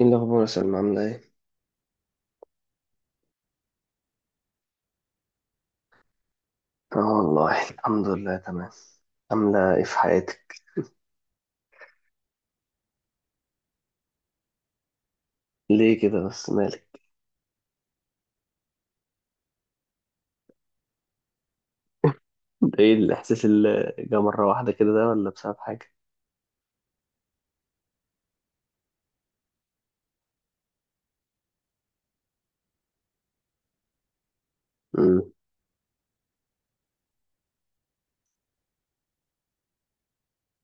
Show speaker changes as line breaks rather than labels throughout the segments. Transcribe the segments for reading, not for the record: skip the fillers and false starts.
ايه الاخبار يا سلمى؟ عامله ايه؟ اه والله الحمد لله تمام. عامله ايه في حياتك؟ ليه كده بس، مالك؟ ده ايه الاحساس اللي جه مره واحده كده، ده ولا بسبب حاجه؟ امم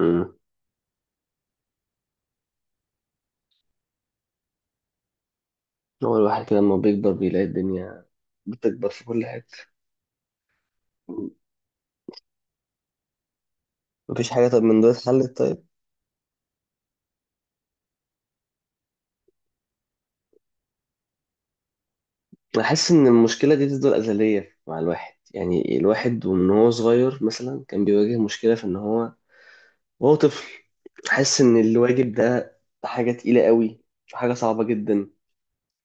امم. هو الواحد كده لما بيكبر بيلاقي الدنيا بتكبر في كل حته. مفيش حاجه طب من دول اتحلت طيب؟ انا حاسس ان المشكله دي تفضل ازليه مع الواحد، يعني الواحد ومن هو صغير مثلا كان بيواجه مشكله في ان هو وهو طفل، حاسس ان الواجب ده حاجه تقيله قوي، حاجه صعبه جدا،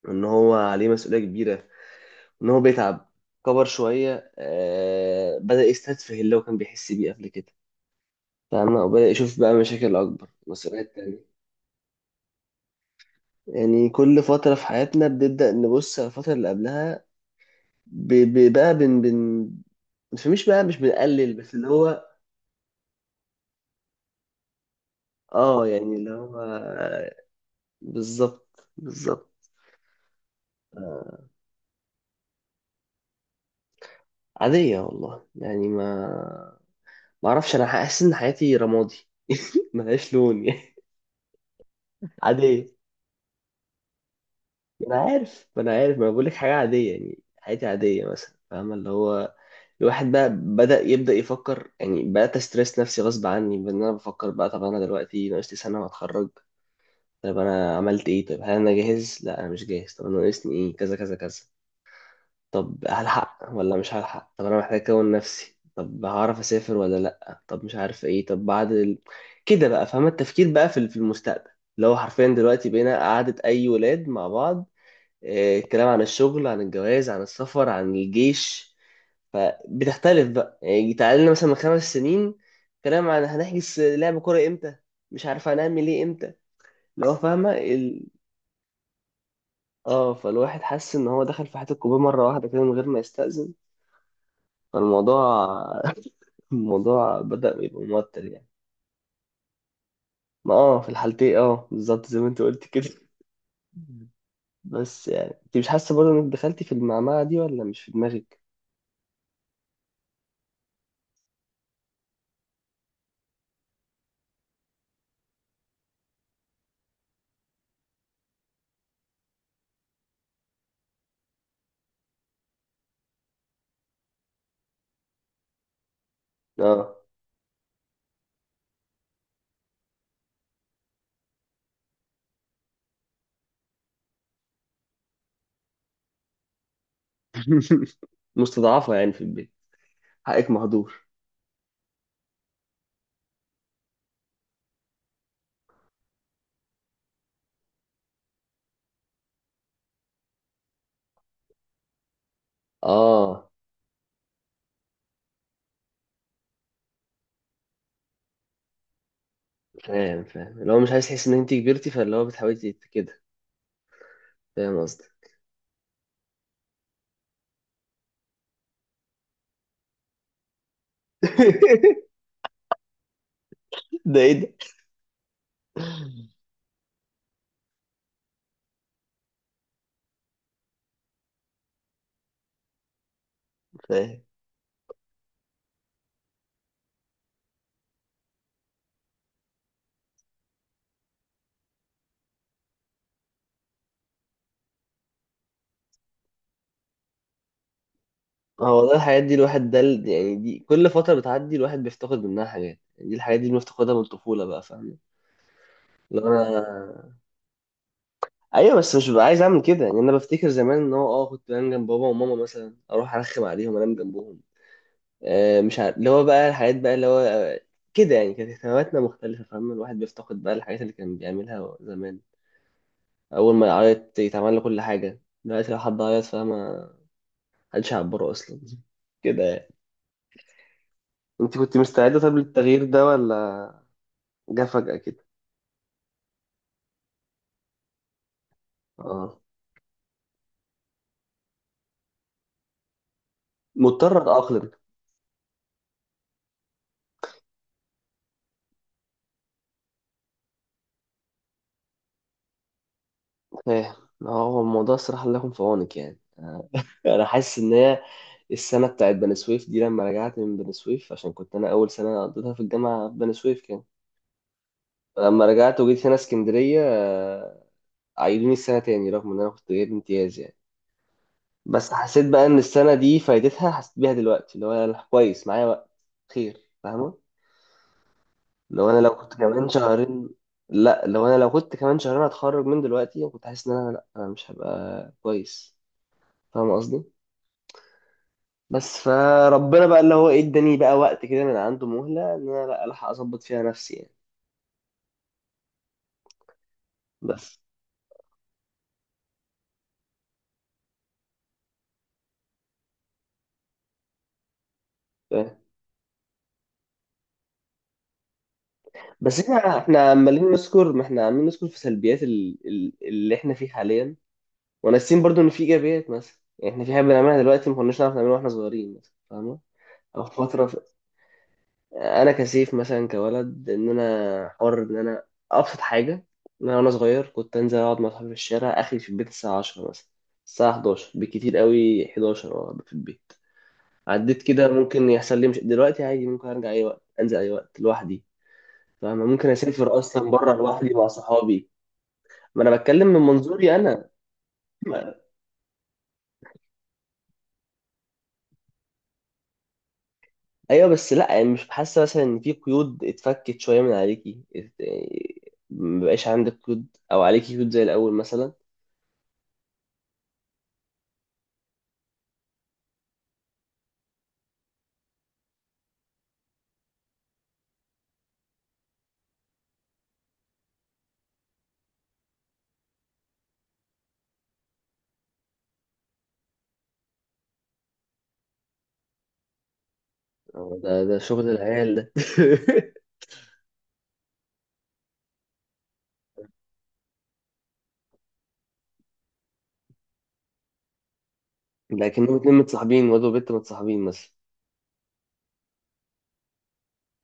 ان هو عليه مسؤولية كبيرة، ان هو بيتعب. كبر شوية آه، بدأ يستتفه اللي هو كان بيحس بيه قبل كده، فاهمة؟ وبدأ يشوف بقى مشاكل أكبر، مسؤوليات تانية. يعني كل فترة في حياتنا بنبدأ نبص على الفترة اللي قبلها ب- ب- بقى بن بن مش بنقلل بس اللي هو، اه يعني اللي هو بالظبط بالظبط. آه، عادية والله يعني، ما ما اعرفش، انا حاسس ان حياتي رمادي، ملهاش لون يعني. عادية. ما انا عارف، ما انا عارف، ما انا بقول لك حاجه عاديه، يعني حياتي عاديه مثلا، فاهمه اللي هو؟ الواحد بقى يبدا يفكر، يعني بقيت استرس نفسي غصب عني، بان انا بفكر بقى طب انا دلوقتي ناقص لي سنه واتخرج، طب انا عملت ايه، طب هل انا جاهز؟ لا انا مش جاهز، طب انا ناقصني ايه؟ كذا كذا كذا، طب هلحق ولا مش هلحق؟ طب انا محتاج اكون نفسي، طب هعرف اسافر ولا لا؟ طب مش عارف ايه، طب بعد ال... كده بقى، فاهمه؟ التفكير بقى في المستقبل، اللي هو حرفيا دلوقتي بقينا قعدة أي ولاد مع بعض. آه، كلام عن الشغل، عن الجواز، عن السفر، عن الجيش. فبتختلف بقى، يعني تعال لنا مثلا من خمس سنين، كلام عن هنحجز لعب كورة امتى، مش عارف هنعمل ايه امتى، اللي هو فاهمة ال... اه، فالواحد حس ان هو دخل في حياة الكوبايه مرة واحدة كده من غير ما يستأذن، فالموضوع الموضوع بدأ يبقى موتر يعني. ما اه في الحالتين، اه بالظبط زي ما انت قلت كده. بس يعني انت مش حاسة برضه انك دخلتي في المعمعة دي ولا مش في دماغك؟ اه. مستضعفة يعني في البيت، حقك مهدور. اه، فاهم، فاهم، اللي هو مش عايز تحس ان انت كبرتي، فاللي هو بتحاولي كده، فاهم قصدي؟ ده ايه ده؟ فاهم. هو والله الحاجات دي الواحد ده يعني دي كل فترة بتعدي الواحد بيفتقد منها حاجات، يعني دي الحاجات دي اللي بنفتقدها من الطفولة بقى، فاهم؟ لو انا، ايوه بس مش ببقى عايز اعمل كده يعني. انا بفتكر زمان ان هو اه كنت بنام جنب بابا وماما مثلا، اروح ارخم عليهم انام جنبهم. آه، مش عارف اللي هو بقى الحاجات بقى، اللي هو آه، كده يعني، كانت اهتماماتنا مختلفة، فاهم؟ الواحد بيفتقد بقى الحاجات اللي كان بيعملها زمان. أول ما يعيط يتعمل له كل حاجة، دلوقتي لو حد عيط، فاهمة؟ محدش يعبره أصلا كده يعني. أنت كنت مستعدة طب للتغيير ده ولا جه فجأة كده؟ اه مضطر أتأقلم. فاهم. هو الموضوع الصراحة لكم في عونك يعني. آه، أنا حاسس إن هي السنة بتاعت بني سويف دي، لما رجعت من بني سويف، عشان كنت أنا أول سنة قضيتها في الجامعة في بني سويف، كان لما رجعت وجيت هنا اسكندرية، آه، عيدوني السنة تاني رغم إن أنا كنت جايب امتياز يعني. بس حسيت بقى إن السنة دي فايدتها حسيت بيها دلوقتي، اللي هو أنا كويس، معايا وقت خير، فاهمة؟ لو أنا لو كنت كمان شهرين، لا لو أنا لو كنت كمان شهرين هتخرج من دلوقتي، كنت حاسس إن أنا لا، أنا مش هبقى كويس، فاهمة قصدي؟ بس فربنا بقى اللي هو إيه، إداني بقى وقت كده من عنده، مهلة إن أنا لا ألحق أظبط فيها نفسي يعني. بس. بس احنا، احنا عمالين نذكر، ما احنا عمالين نذكر في سلبيات اللي احنا فيه حاليا، وناسيين برضو ان في ايجابيات مثلا. يعني احنا في حاجه بنعملها دلوقتي ما كناش نعرف نعملها واحنا صغيرين مثلا، فاهمه؟ او في فتره في... انا كسيف مثلا كولد، ان انا حر، ان انا ابسط حاجه، ان انا وانا صغير كنت انزل اقعد مع صحابي في الشارع، اخري في البيت الساعه 10 مثلا، الساعه 11 بالكتير قوي، 11 اه أبقى في البيت. عديت كده ممكن يحصل لي، مش دلوقتي، عادي ممكن ارجع اي وقت، انزل اي وقت لوحدي، فاهمة؟ ممكن أسافر أصلا بره لوحدي مع صحابي. ما انا بتكلم من منظوري انا. ما- ايوه بس لا، يعني مش حاسه مثلا ان في قيود اتفكت شويه من عليكي، ما بقاش عندك قيود او عليكي قيود زي الاول مثلا؟ هو ده، ده شغل العيال ده. لكنهم اتنين متصاحبين، واد وبنت متصاحبين مثلا،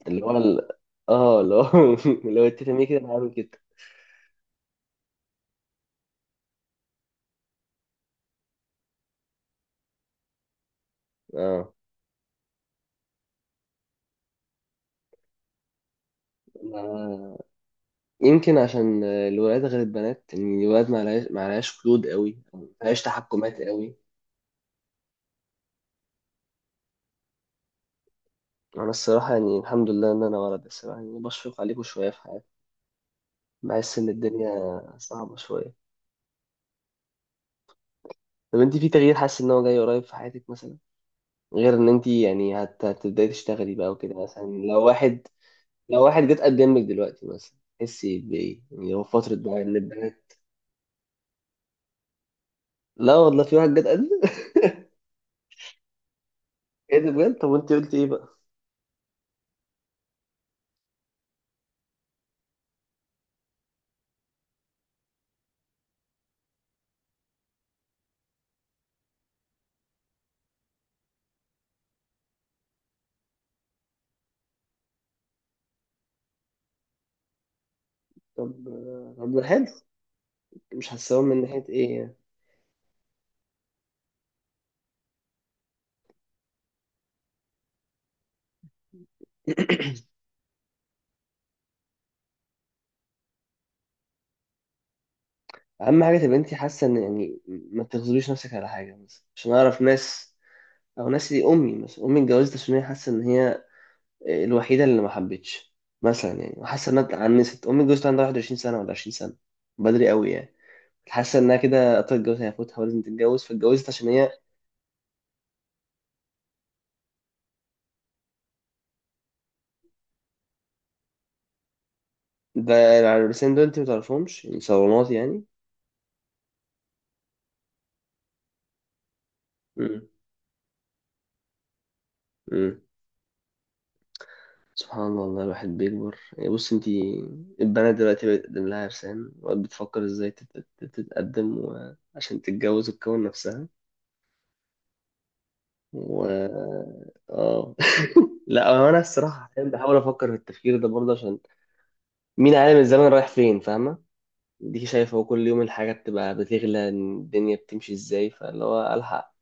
اللي هو ال... اه اللي هو اللي هو اتفق معايا كده انا هعمل كده. اه. ما- يمكن عشان الولاد غير البنات، ان الولاد ما عليهاش، ما عليهاش قيود قوي، ما عليهاش تحكمات قوي. انا الصراحه يعني الحمد لله ان انا ولد، الصراحه يعني بشفق عليكم شويه في حياتي، بحس ان الدنيا صعبه شويه. طب انت في تغيير حاسس ان هو جاي قريب في حياتك مثلا؟ غير ان انت يعني هتبداي تشتغلي بقى وكده، مثلا لو واحد، لو واحد جه اتقدم لك دلوقتي مثلا تحسي بايه؟ يعني هو فتره بقى ان البنات، لا والله في واحد جه اتقدم. ايه ده بجد؟ طب وانت قلت ايه بقى؟ طب، طب ده حلو. مش حاسه من ناحيه ايه يعني؟ اهم حاجه تبقى انت حاسه ان، يعني ما تغزليش نفسك على حاجه مثلا عشان اعرف ناس، او ناسي. امي مثلا، امي اتجوزت عشان هي حاسه ان هي الوحيده اللي ما حبتش، مثلا يعني، وحاسه انها اتعنست. امي اتجوزت عندها 21 سنه ولا 20 سنه، بدري قوي يعني. حاسه انها كده قطعت، الجواز هيفوتها ولازم تتجوز، فاتجوزت عشان هي. ده العرسان دول انت ما تعرفهمش يعني، صالونات يعني؟ امم امم. سبحان الله. والله الواحد بيكبر يعني. بص انت، البنات دلوقتي بتقدم لها عرسان وقت بتفكر ازاي تتقدم عشان تتجوز وتكون نفسها، و، اه. لا هو انا الصراحه أحياناً بحاول افكر في التفكير ده برضه، عشان مين عالم الزمن رايح فين، فاهمه؟ دي شايفه هو كل يوم الحاجات تبقى بتغلى، الدنيا بتمشي ازاي، فاللي هو الحق.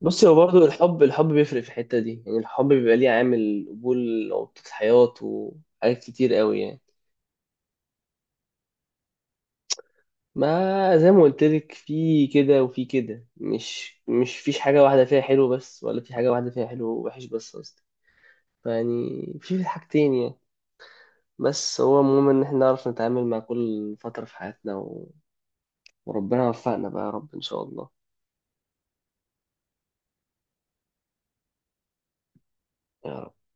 بصي هو برضه الحب، الحب بيفرق في الحته دي يعني، الحب بيبقى ليه عامل قبول وقت الحياه وحاجات كتير قوي يعني. ما زي ما قلت لك، في كده وفي كده، مش مش فيش حاجه واحده فيها حلو بس، ولا في حاجه واحده فيها حلو ووحش بس، قصدي فيعني في حاجتين يعني. بس هو المهم إن إحنا نعرف نتعامل مع كل فترة في حياتنا و... وربنا يوفقنا بقى يا رب، إن شاء الله. يا رب.